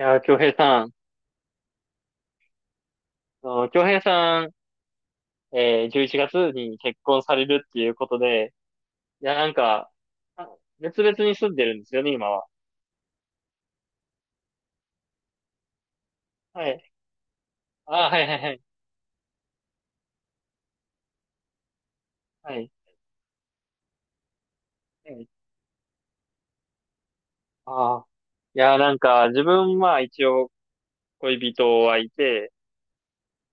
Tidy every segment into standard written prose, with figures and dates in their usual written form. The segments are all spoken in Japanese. いやー、京平さん、あの京平さん、11月に結婚されるっていうことで、いや、なんか、あ別々に住んでるんですよね、今は。はい。あー、はいはいはい。はい。はい。あー、いやー、なんか、自分は一応恋人はいて、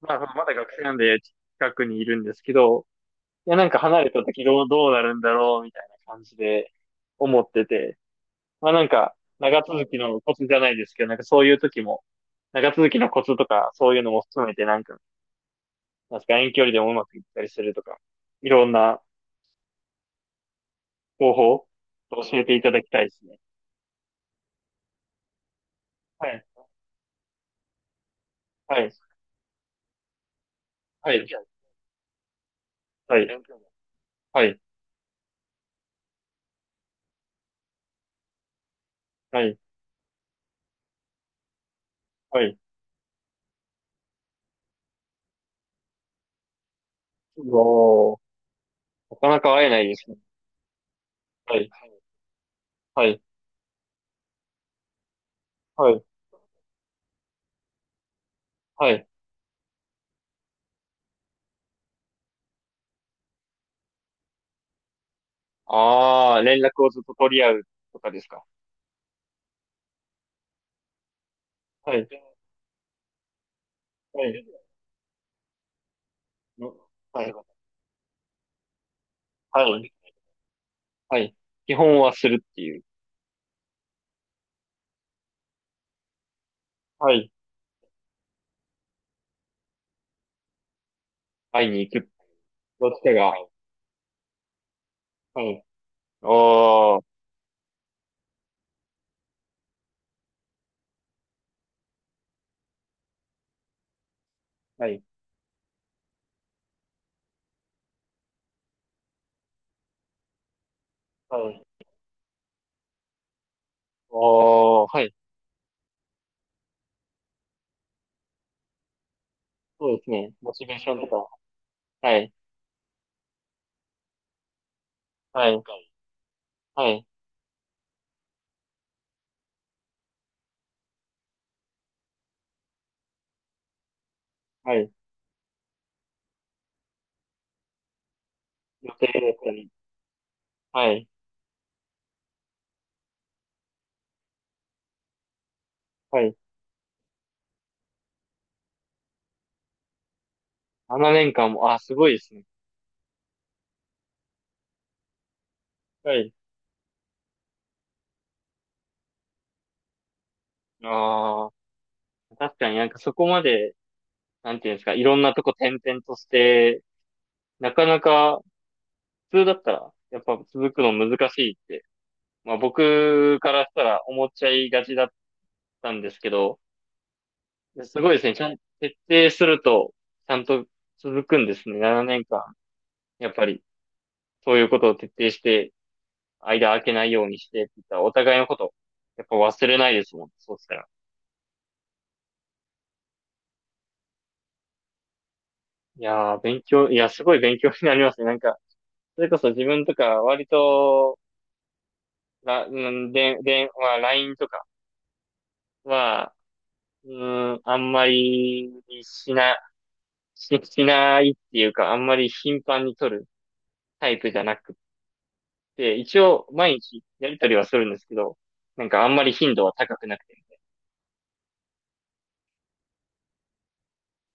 まあ、そのまだ学生なんで近くにいるんですけど、いや、なんか離れた時どうなるんだろう、みたいな感じで思ってて。まあなんか、長続きのコツじゃないですけど、なんかそういう時も、長続きのコツとか、そういうのも含めて、なんか、なんすか、遠距離でもうまくいったりするとか、いろんな方法を教えていただきたいですね。はい。はい。はい。はい。はい。はい。はい。おー、なかなか会えないですね。はい。はい。はい。はい。ああ、連絡をずっと取り合うとかですか。はい。はい。のはい。はい。はい。基本はするっていう。はい。会いに行くとしてが、はい。おー、はい。はい。おー、はい。そうですね。モチベーションとか、はい。はい。はい。はい。予定だったり、はい。はい。7年間も、あ、すごいですね。はい。ああ、確かになんかそこまで、なんていうんですか、いろんなとこ転々として、なかなか、普通だったら、やっぱ続くの難しいって、まあ僕からしたら思っちゃいがちだったんですけど、やすごいですね。ちゃん、徹底すると、ちゃんと続くんですね。7年間。やっぱり、そういうことを徹底して、間空けないようにしてって言ったら、お互いのこと、やっぱ忘れないですもん。そうしたら。いやー、いや、すごい勉強になりますね。なんか、それこそ自分とか、割と、うん、で、まあ、LINE とかは、うん、あんまりしな、し、しないっていうか、あんまり頻繁に取るタイプじゃなくっで、一応毎日やりとりはするんですけど、なんかあんまり頻度は高くなくて。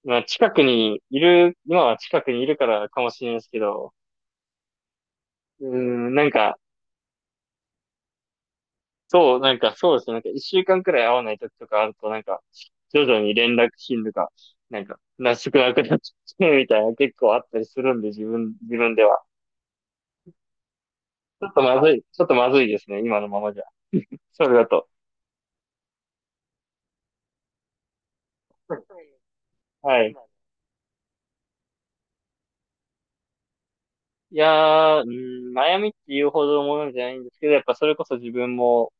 まあ近くにいる、今は近くにいるからかもしれないですけど、うーん、なんか、そう、なんかそうですね。なんか一週間くらい会わない時とかあると、なんか、徐々に連絡頻度が、なんか、なしくなくなっちゃうみたいな結構あったりするんで、自分では。ちょっとまずいですね、今のままじゃ。それだと。はい。いやー、うーん、悩みっていうほどのものじゃないんですけど、やっぱそれこそ自分も、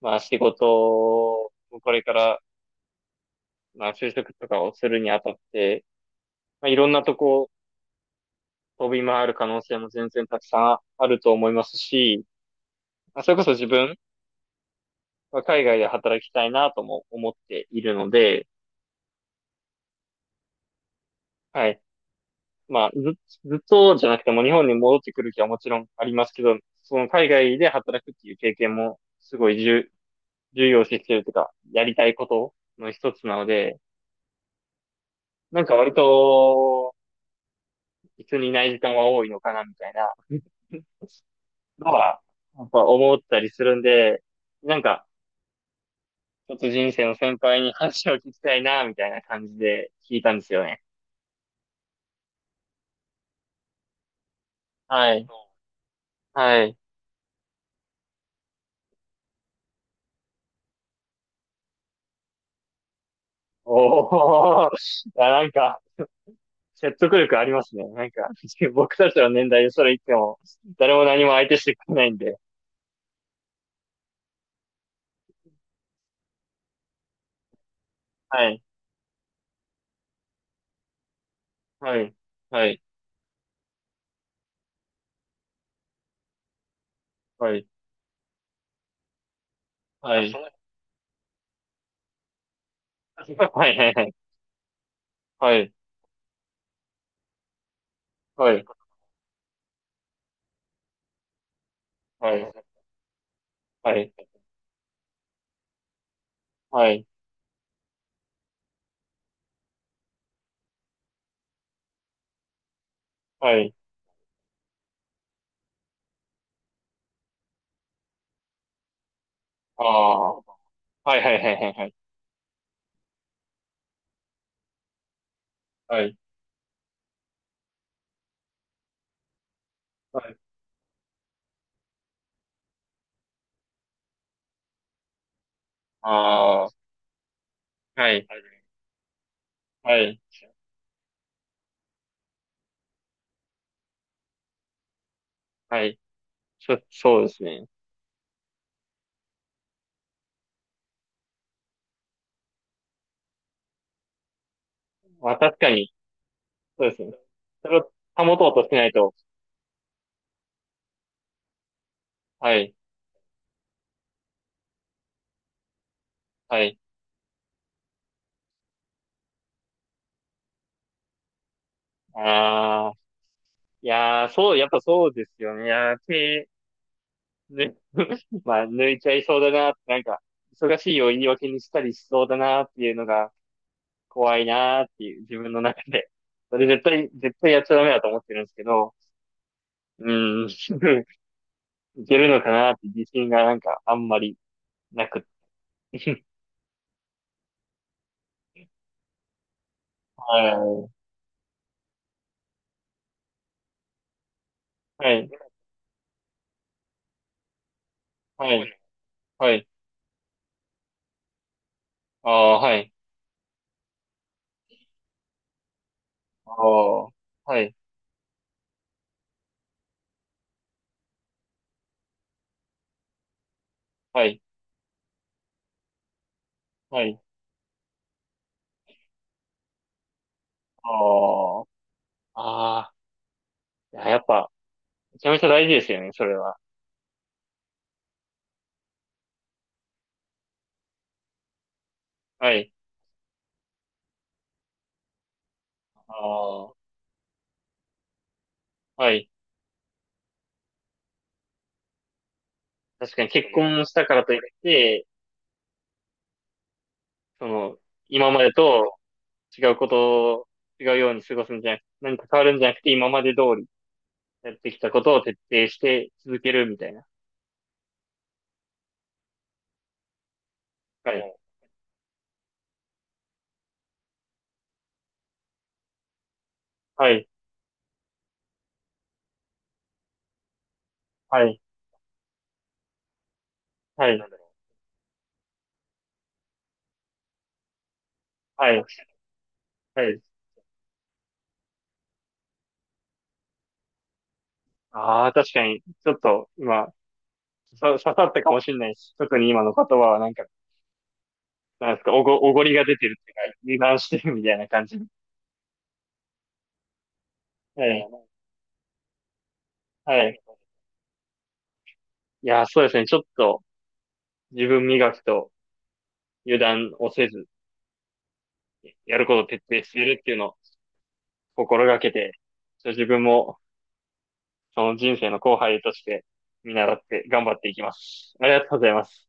まあ仕事をこれから、まあ就職とかをするにあたって、まあいろんなとこ飛び回る可能性も全然たくさんあると思いますし、まあそれこそ自分は海外で働きたいなとも思っているので、はい。まあず、ずっとじゃなくても日本に戻ってくる気はもちろんありますけど、その海外で働くっていう経験もすごい重要視してるというか、やりたいことの一つなので、なんか割と、一緒にいない時間は多いのかな、みたいな、のは、やっぱ思ったりするんで、なんか、ちょっと人生の先輩に話を聞きたいな、みたいな感じで聞いたんですよね。はい。はい。おー、なんか、説得力ありますね。なんか、僕たちの年代でそれ言っても、誰も何も相手してくれないんで。はい。はい。はい。はい。はい。はい。はい。はい。はい。はい。はい。はい。はい。はい。はい。ああ。はいはいはいはいはい。はい。はい。ああ、はい。はい。はい。そうですね。まあ確かに、そうですね。それを保とうとしないと。はい。はい。ああ、いやー、そう、やっぱそうですよね。いやー、手、ね、まあ、抜いちゃいそうだな、なんか、忙しいを言い訳にしたりしそうだなっていうのが怖いなーっていう、自分の中で。それ絶対、絶対やっちゃダメだと思ってるんですけど、うん、いけるのかなって自信がなんかあんまりなく、はい、はい、はい、はい、ああ、はい、ああ、はい、はい、はい、ああ、ああ、いややっぱ、めちゃめちゃ大事ですよね、それは。はい、ああ、はい。確かに結婚したからといって、その、今までと違うことを、違うように過ごすんじゃなく、何か変わるんじゃなくて、今まで通りやってきたことを徹底して続けるみたいな。はい、はい、はい、はい、はい、はい。ああ、確かに、ちょっと今、刺さったかもしれないし、特に今の言葉はなんか、なんですか、おごりが出てるっていうか、油断してるみたいな感じ。はい。はい。いや、そうですね。ちょっと自分磨きと油断をせず、やることを徹底しているっていうのを心がけて、ちょっと自分もその人生の後輩として見習って頑張っていきます。ありがとうございます。